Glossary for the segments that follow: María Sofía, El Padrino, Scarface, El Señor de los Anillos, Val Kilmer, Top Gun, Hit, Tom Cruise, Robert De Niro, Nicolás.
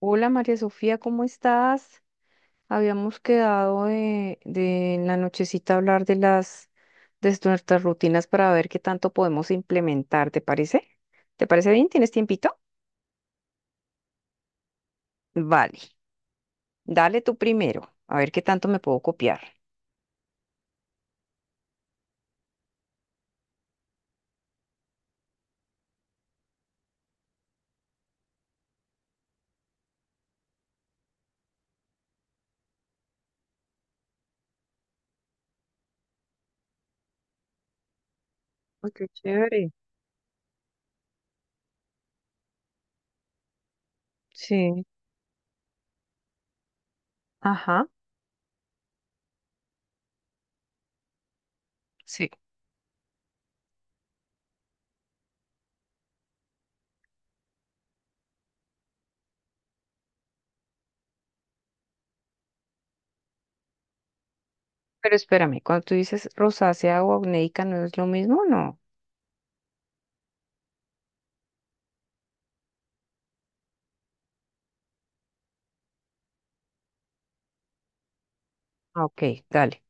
Hola María Sofía, ¿cómo estás? Habíamos quedado de en la nochecita hablar de nuestras rutinas para ver qué tanto podemos implementar, ¿te parece? ¿Te parece bien? ¿Tienes tiempito? Vale, dale tú primero, a ver qué tanto me puedo copiar. Ay, qué chévere. Sí. Ajá, sí. Pero espérame, cuando tú dices rosácea o acnéica, ¿no es lo mismo? No. Ah, ok, dale.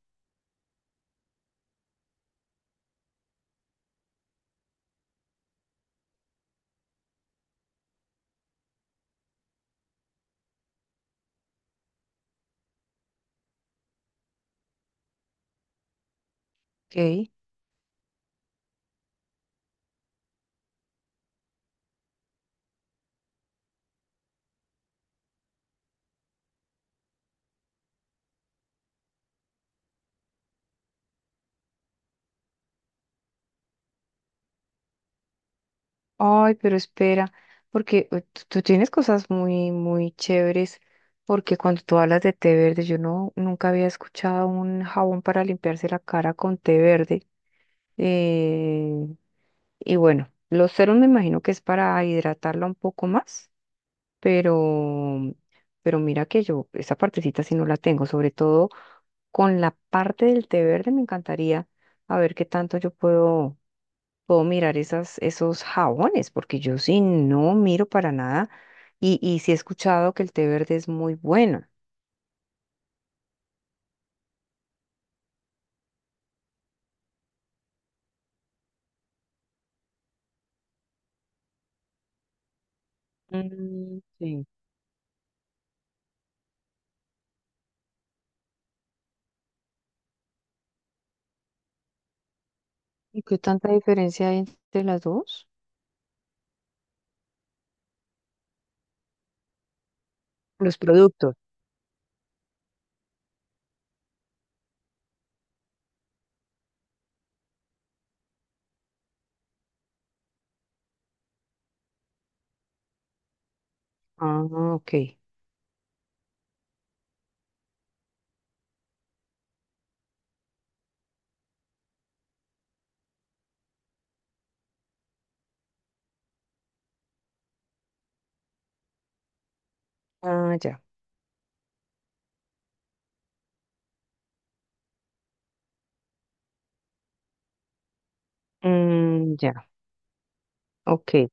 Ok. Ay, pero espera, porque tú tienes cosas muy, muy chéveres, porque cuando tú hablas de té verde, yo no, nunca había escuchado un jabón para limpiarse la cara con té verde. Eh, y bueno, los ceros me imagino que es para hidratarla un poco más, pero, pero mira que yo esa partecita sí no la tengo, sobre todo con la parte del té verde me encantaría a ver qué tanto yo puedo mirar esas, esos jabones, porque yo sí no miro para nada. Y sí he escuchado que el té verde es muy bueno. Mm, sí. ¿Y qué tanta diferencia hay entre las dos? Los productos. Ah, ok. Ah, ya. Mm, ya, ok.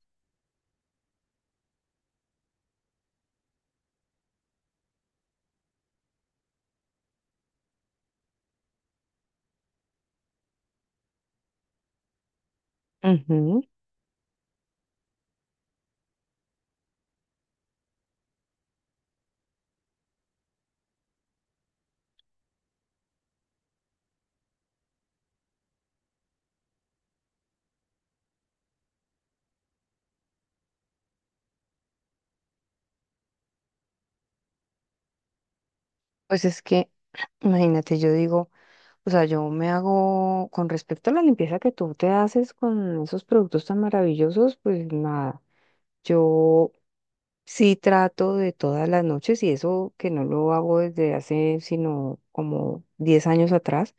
Ujú. Pues es que, imagínate, yo digo, o sea, yo me hago, con respecto a la limpieza que tú te haces con esos productos tan maravillosos, pues nada. Yo sí trato de todas las noches y eso que no lo hago desde hace sino como 10 años atrás,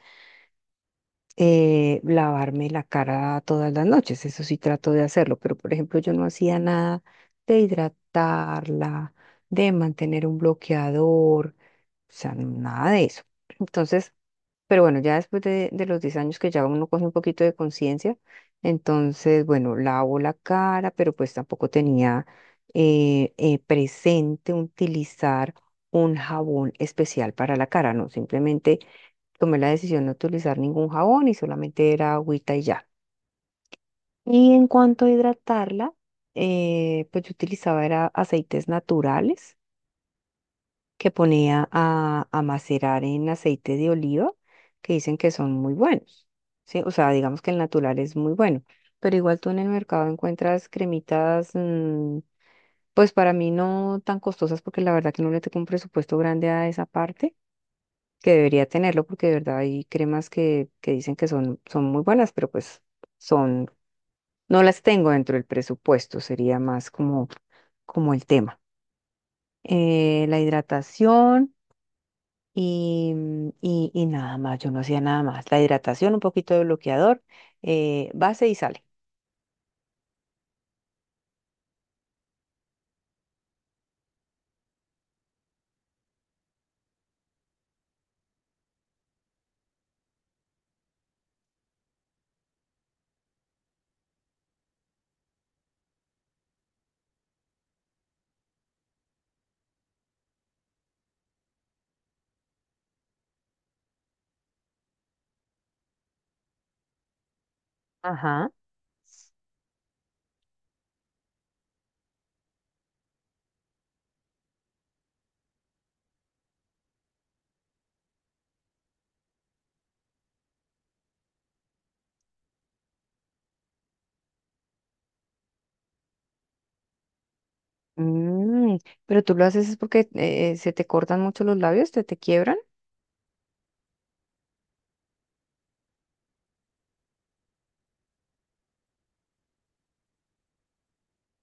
lavarme la cara todas las noches, eso sí trato de hacerlo, pero por ejemplo yo no hacía nada de hidratarla, de mantener un bloqueador, o sea, nada de eso. Entonces, pero bueno, ya después de los 10 años que ya uno coge un poquito de conciencia, entonces, bueno, lavo la cara, pero pues tampoco tenía presente utilizar un jabón especial para la cara, no, simplemente tomé la decisión de no utilizar ningún jabón y solamente era agüita y ya. Y en cuanto a hidratarla, pues yo utilizaba era aceites naturales que ponía a macerar en aceite de oliva, que dicen que son muy buenos, ¿sí? O sea, digamos que el natural es muy bueno, pero igual tú en el mercado encuentras cremitas, pues para mí no tan costosas, porque la verdad que no le tengo un presupuesto grande a esa parte, que debería tenerlo, porque de verdad hay cremas que dicen que son muy buenas, pero pues son, no las tengo dentro del presupuesto, sería más como el tema. La hidratación. Y nada más, yo no hacía nada más. La hidratación, un poquito de bloqueador, base y sale. Ajá. Mm, pero tú lo haces es porque se te cortan mucho los labios, te quiebran.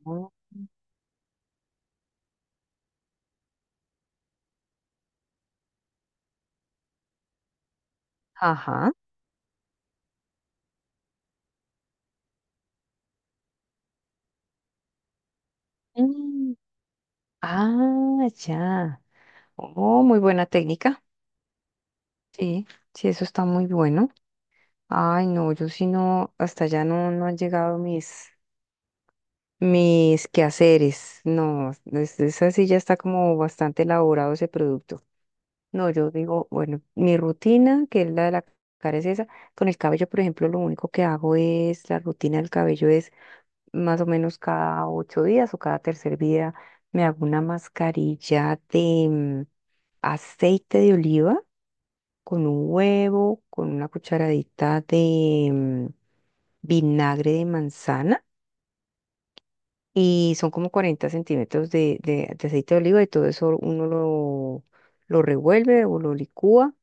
Mm. Ajá. Mm. Ah, ya. Oh, muy buena técnica. Sí, sí, eso está muy bueno. Ay, no, yo sí no, hasta allá no, no han llegado mis quehaceres. No, esa sí ya está como bastante elaborado ese producto. No, yo digo, bueno, mi rutina, que es la de la cara, es esa. Con el cabello, por ejemplo, lo único que hago es, la rutina del cabello es más o menos cada 8 días o cada tercer día me hago una mascarilla de aceite de oliva con un huevo, con una cucharadita de vinagre de manzana y son como 40 centímetros de aceite de oliva y todo eso uno lo revuelve o lo licúa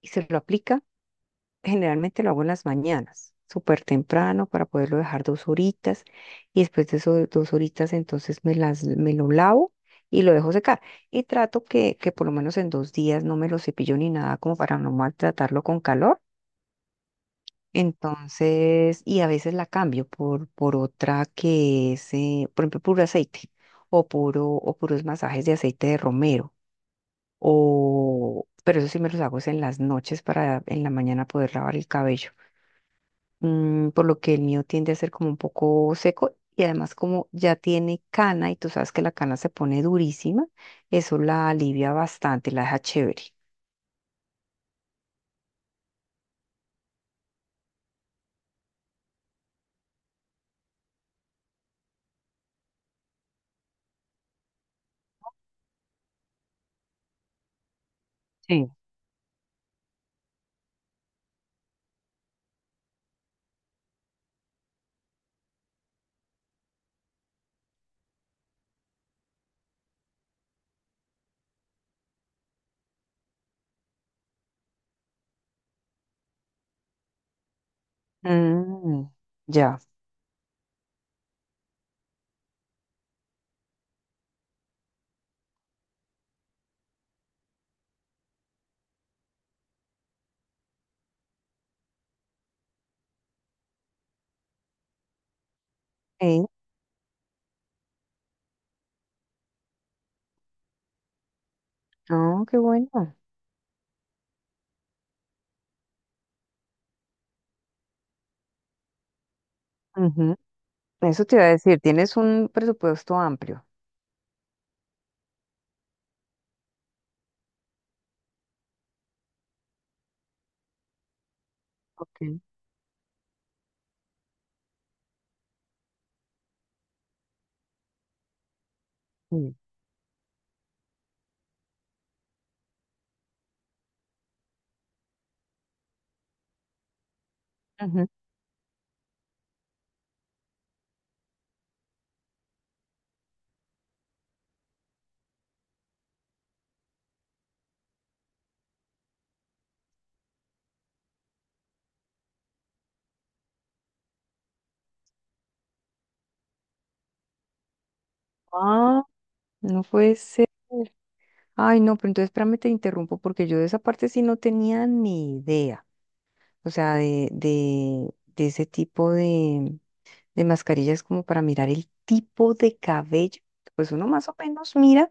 y se lo aplica. Generalmente lo hago en las mañanas, súper temprano, para poderlo dejar 2 horitas. Y después de esas 2 horitas, entonces me las, me lo lavo y lo dejo secar. Y trato que por lo menos en 2 días no me lo cepillo ni nada, como para no maltratarlo con calor. Entonces, y a veces la cambio por otra que es, por ejemplo, puro aceite o, puro, o puros masajes de aceite de romero. O, pero eso sí me los hago es en las noches para en la mañana poder lavar el cabello, por lo que el mío tiende a ser como un poco seco y además como ya tiene cana y tú sabes que la cana se pone durísima, eso la alivia bastante, la deja chévere. Sí. Mm. Ya. Eh, No, qué bueno. Ujú. Eso te iba a decir, tienes un presupuesto amplio. Ok, sí. Ujú. Ah, no puede ser. Ay, no, pero entonces espérame, te interrumpo porque yo de esa parte sí no tenía ni idea. O sea, de ese tipo de mascarillas como para mirar el tipo de cabello. Pues uno más o menos mira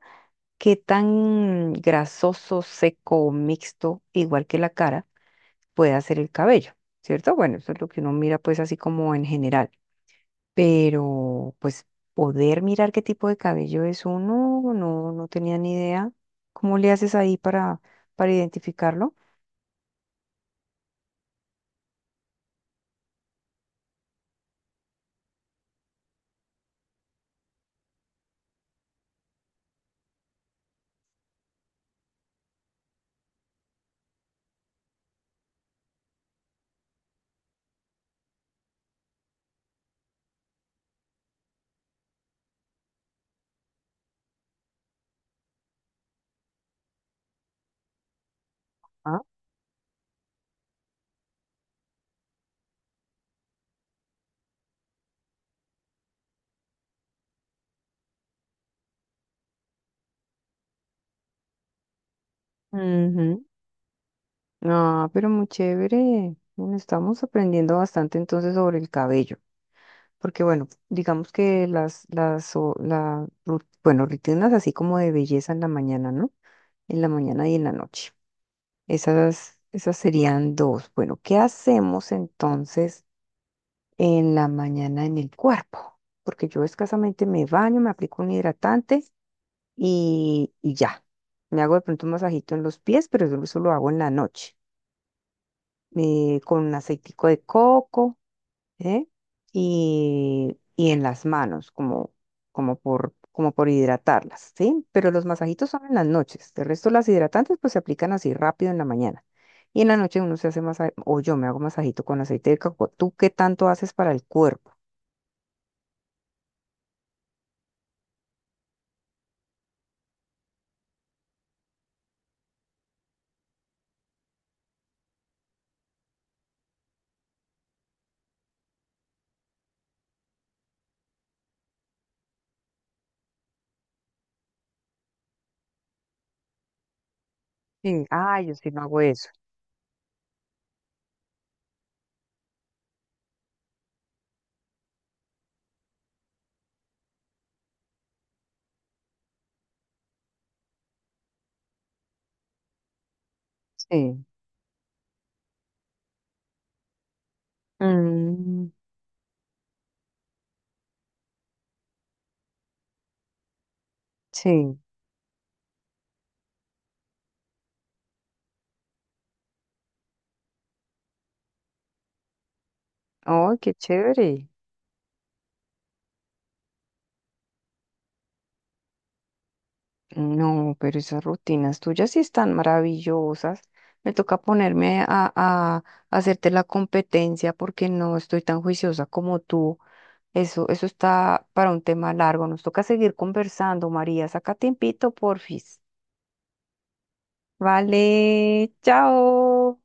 qué tan grasoso, seco o mixto, igual que la cara, puede ser el cabello, ¿cierto? Bueno, eso es lo que uno mira pues así como en general. Pero pues poder mirar qué tipo de cabello es uno, no, no tenía ni idea. ¿Cómo le haces ahí para identificarlo? Ah, ujú. Ah, pero muy chévere. Bueno, estamos aprendiendo bastante entonces sobre el cabello. Porque bueno, digamos que las, o- la, ru- bueno, rutinas así como de belleza en la mañana, ¿no? En la mañana y en la noche. Esas serían dos. Bueno, ¿qué hacemos entonces en la mañana en el cuerpo? Porque yo escasamente me baño, me aplico un hidratante y ya. Me hago de pronto un masajito en los pies, pero eso lo hago en la noche. Con un aceitico de coco, ¿eh? Y en las manos, como por hidratarlas, ¿sí? Pero los masajitos son en las noches. De resto, las hidratantes pues se aplican así rápido en la mañana. Y en la noche uno se hace masaje, o yo me hago masajito con aceite de coco. ¿Tú qué tanto haces para el cuerpo? Sí. Ah, yo sí no hago eso. Sí. Mm, sí. ¡Ay, qué chévere! No, pero esas rutinas tuyas sí están maravillosas. Me toca ponerme a hacerte la competencia porque no estoy tan juiciosa como tú. Eso está para un tema largo. Nos toca seguir conversando, María. Saca tiempito, porfis. Vale, chao.